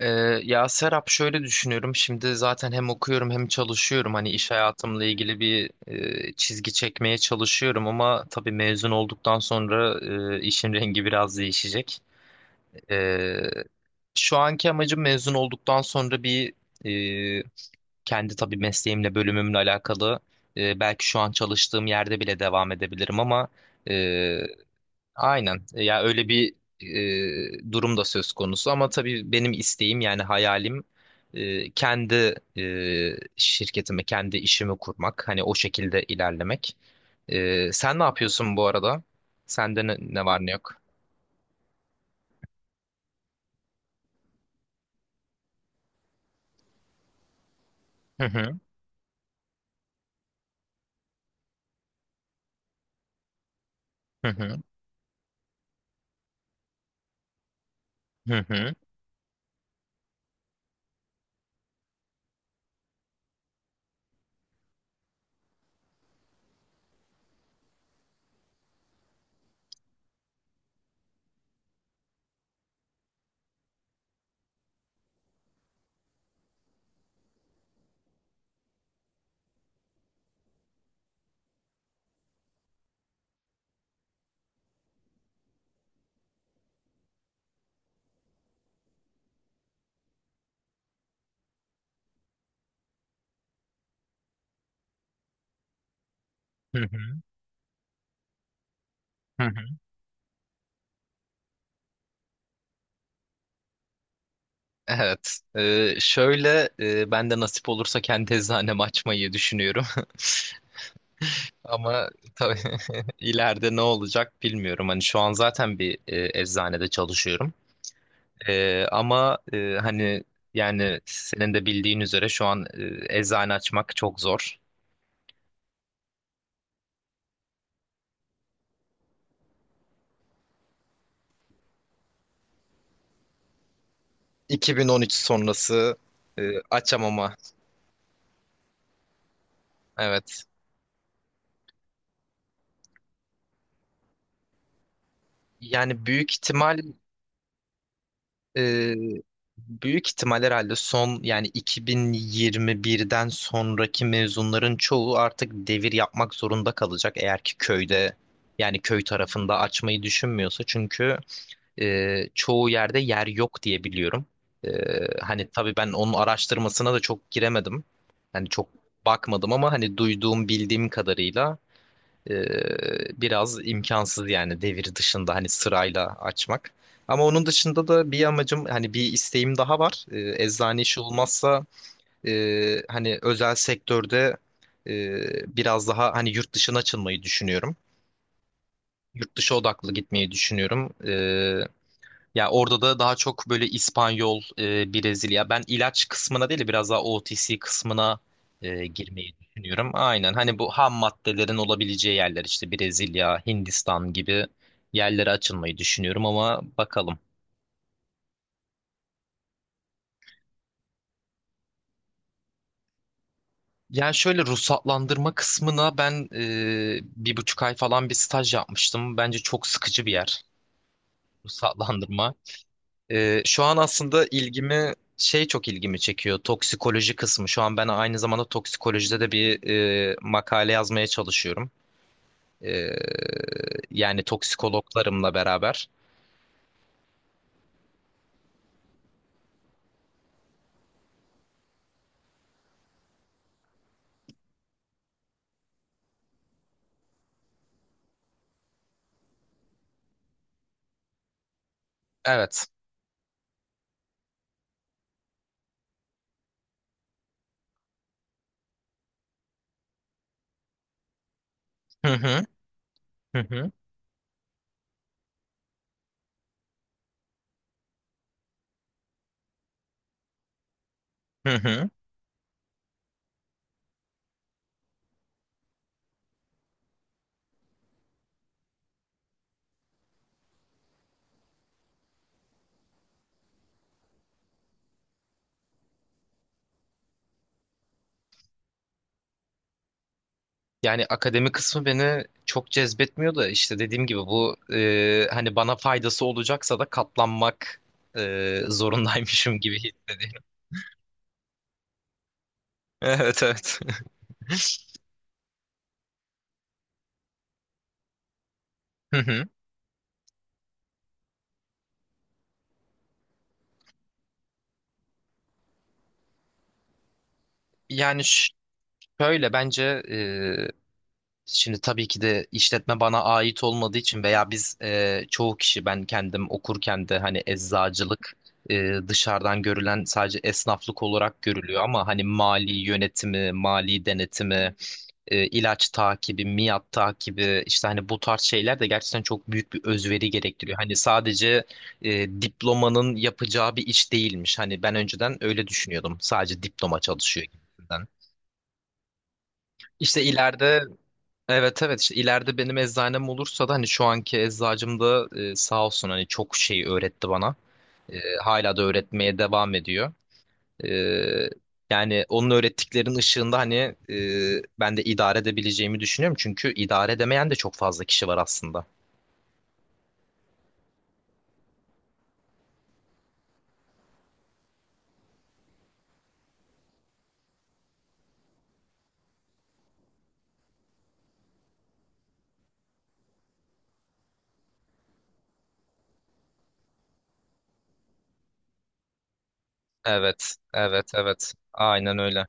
Ee, Ya Serap şöyle düşünüyorum. Şimdi zaten hem okuyorum hem çalışıyorum. Hani iş hayatımla ilgili bir çizgi çekmeye çalışıyorum ama tabii mezun olduktan sonra işin rengi biraz değişecek. Ee, Şu anki amacım mezun olduktan sonra bir e, kendi tabii mesleğimle bölümümle alakalı, belki şu an çalıştığım yerde bile devam edebilirim ama e, aynen. Ya öyle bir durum da söz konusu ama tabii benim isteğim yani hayalim kendi şirketimi, kendi işimi kurmak. Hani o şekilde ilerlemek. Sen ne yapıyorsun bu arada? Sende ne var ne yok? Hı hı, hı hı, hı hı, hı hı, hı hı. Evet. Şöyle, ben de nasip olursa kendi eczanemi açmayı düşünüyorum. Ama tabii ileride ne olacak bilmiyorum. Hani şu an zaten bir eczanede çalışıyorum. Ama, hani yani senin de bildiğin üzere şu an eczane açmak çok zor. 2013 sonrası e, açamama. Evet. Yani büyük ihtimal. Ee, Büyük ihtimal herhalde son yani 2021'den sonraki mezunların çoğu artık devir yapmak zorunda kalacak, eğer ki köyde yani köy tarafında açmayı düşünmüyorsa. Çünkü çoğu yerde yer yok diye biliyorum. Ee, Hani tabii ben onun araştırmasına da çok giremedim. Hani çok bakmadım ama hani duyduğum bildiğim kadarıyla biraz imkansız yani devir dışında hani sırayla açmak. Ama onun dışında da bir amacım hani bir isteğim daha var. Eczane işi olmazsa hani özel sektörde biraz daha hani yurt dışına açılmayı düşünüyorum. Yurt dışı odaklı gitmeyi düşünüyorum. Ya orada da daha çok böyle İspanyol, Brezilya. Ben ilaç kısmına değil de biraz daha OTC kısmına girmeyi düşünüyorum. Aynen hani bu ham maddelerin olabileceği yerler işte Brezilya, Hindistan gibi yerlere açılmayı düşünüyorum ama bakalım. Yani şöyle ruhsatlandırma kısmına ben bir buçuk ay falan bir staj yapmıştım. Bence çok sıkıcı bir yer ruhsatlandırma. Şu an aslında ilgimi şey çok ilgimi çekiyor, toksikoloji kısmı. Şu an ben aynı zamanda toksikolojide de bir makale yazmaya çalışıyorum. Ee, Yani toksikologlarımla beraber. Evet. Hı hı, hı hı, hı hı. Yani akademi kısmı beni çok cezbetmiyor da işte dediğim gibi bu, hani bana faydası olacaksa da katlanmak zorundaymışım gibi hissediyorum. Evet evet. Hı hı. Yani ş- Şöyle bence, şimdi tabii ki de işletme bana ait olmadığı için, veya biz, çoğu kişi, ben kendim okurken de hani eczacılık dışarıdan görülen sadece esnaflık olarak görülüyor ama hani mali yönetimi, mali denetimi, ilaç takibi, miat takibi, işte hani bu tarz şeyler de gerçekten çok büyük bir özveri gerektiriyor. Hani sadece diplomanın yapacağı bir iş değilmiş. Hani ben önceden öyle düşünüyordum. Sadece diploma çalışıyor gibisinden. İşte ileride. Evet evet, işte ileride benim eczanem olursa da hani şu anki eczacım da sağ olsun hani çok şey öğretti bana. Hala da öğretmeye devam ediyor. E, Yani onun öğrettiklerinin ışığında hani ben de idare edebileceğimi düşünüyorum. Çünkü idare edemeyen de çok fazla kişi var aslında. Evet evet evet, aynen öyle.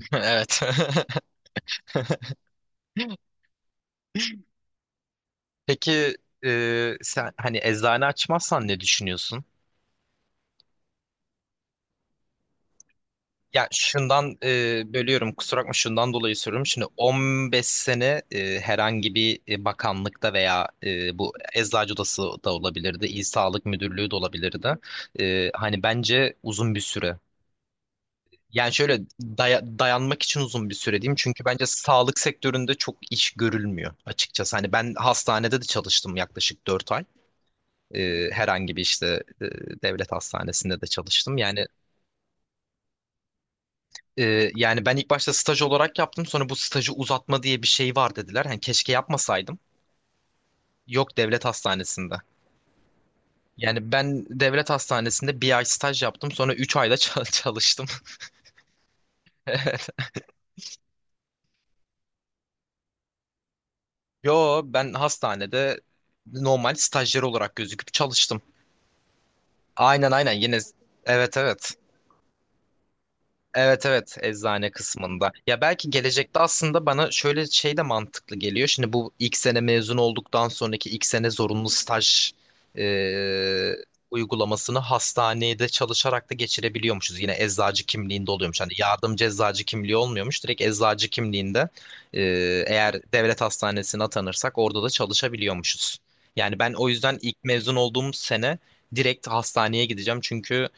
Evet. Peki, sen hani eczane açmazsan ne düşünüyorsun? Ya şundan, bölüyorum kusura bakma, şundan dolayı soruyorum. Şimdi 15 sene herhangi bir bakanlıkta, veya bu Eczacı Odası da olabilirdi. İl Sağlık Müdürlüğü de olabilirdi. Hani bence uzun bir süre. Yani şöyle, dayanmak için uzun bir süre diyeyim. Çünkü bence sağlık sektöründe çok iş görülmüyor açıkçası. Hani ben hastanede de çalıştım yaklaşık 4 ay. Herhangi bir işte, devlet hastanesinde de çalıştım. Yani. Yani ben ilk başta staj olarak yaptım. Sonra bu stajı uzatma diye bir şey var dediler. Hani keşke yapmasaydım. Yok, devlet hastanesinde. Yani ben devlet hastanesinde bir ay staj yaptım. Sonra üç ayda çalıştım. Yo, ben hastanede normal stajyer olarak gözüküp çalıştım. Aynen aynen, yine evet evet. Evet evet, eczane kısmında. Ya belki gelecekte aslında bana şöyle şey de mantıklı geliyor. Şimdi bu ilk sene mezun olduktan sonraki ilk sene zorunlu staj e, uygulamasını hastanede çalışarak da geçirebiliyormuşuz. Yine eczacı kimliğinde oluyormuş. Hani yardımcı eczacı kimliği olmuyormuş. Direkt eczacı kimliğinde, e, eğer devlet hastanesine atanırsak orada da çalışabiliyormuşuz. Yani ben o yüzden ilk mezun olduğum sene direkt hastaneye gideceğim. Çünkü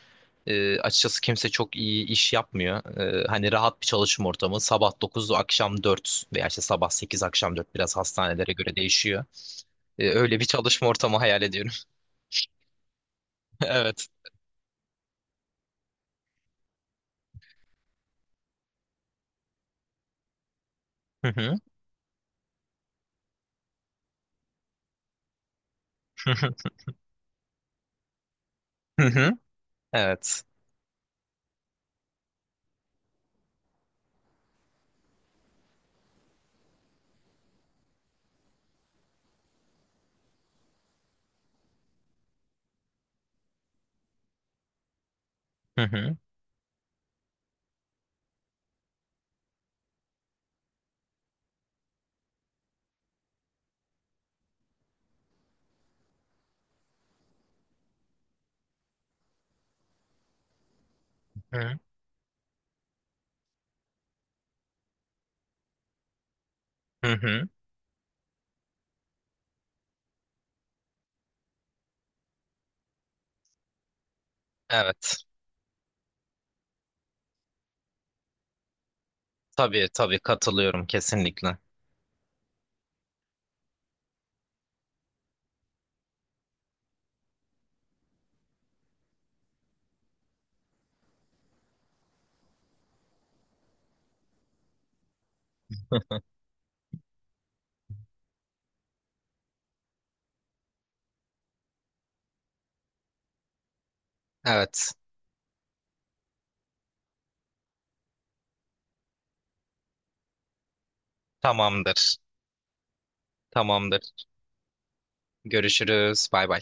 açıkçası kimse çok iyi iş yapmıyor. Hani rahat bir çalışma ortamı. Sabah 9, akşam dört, veya işte sabah 8, akşam 4. Biraz hastanelere göre değişiyor. Öyle bir çalışma ortamı hayal ediyorum. Evet. Hı hı. Hı hı. Evet. Hı hı. Hı hı. Hı. Evet. Tabii tabii, katılıyorum kesinlikle. Evet. Tamamdır. Tamamdır. Görüşürüz. Bay bay.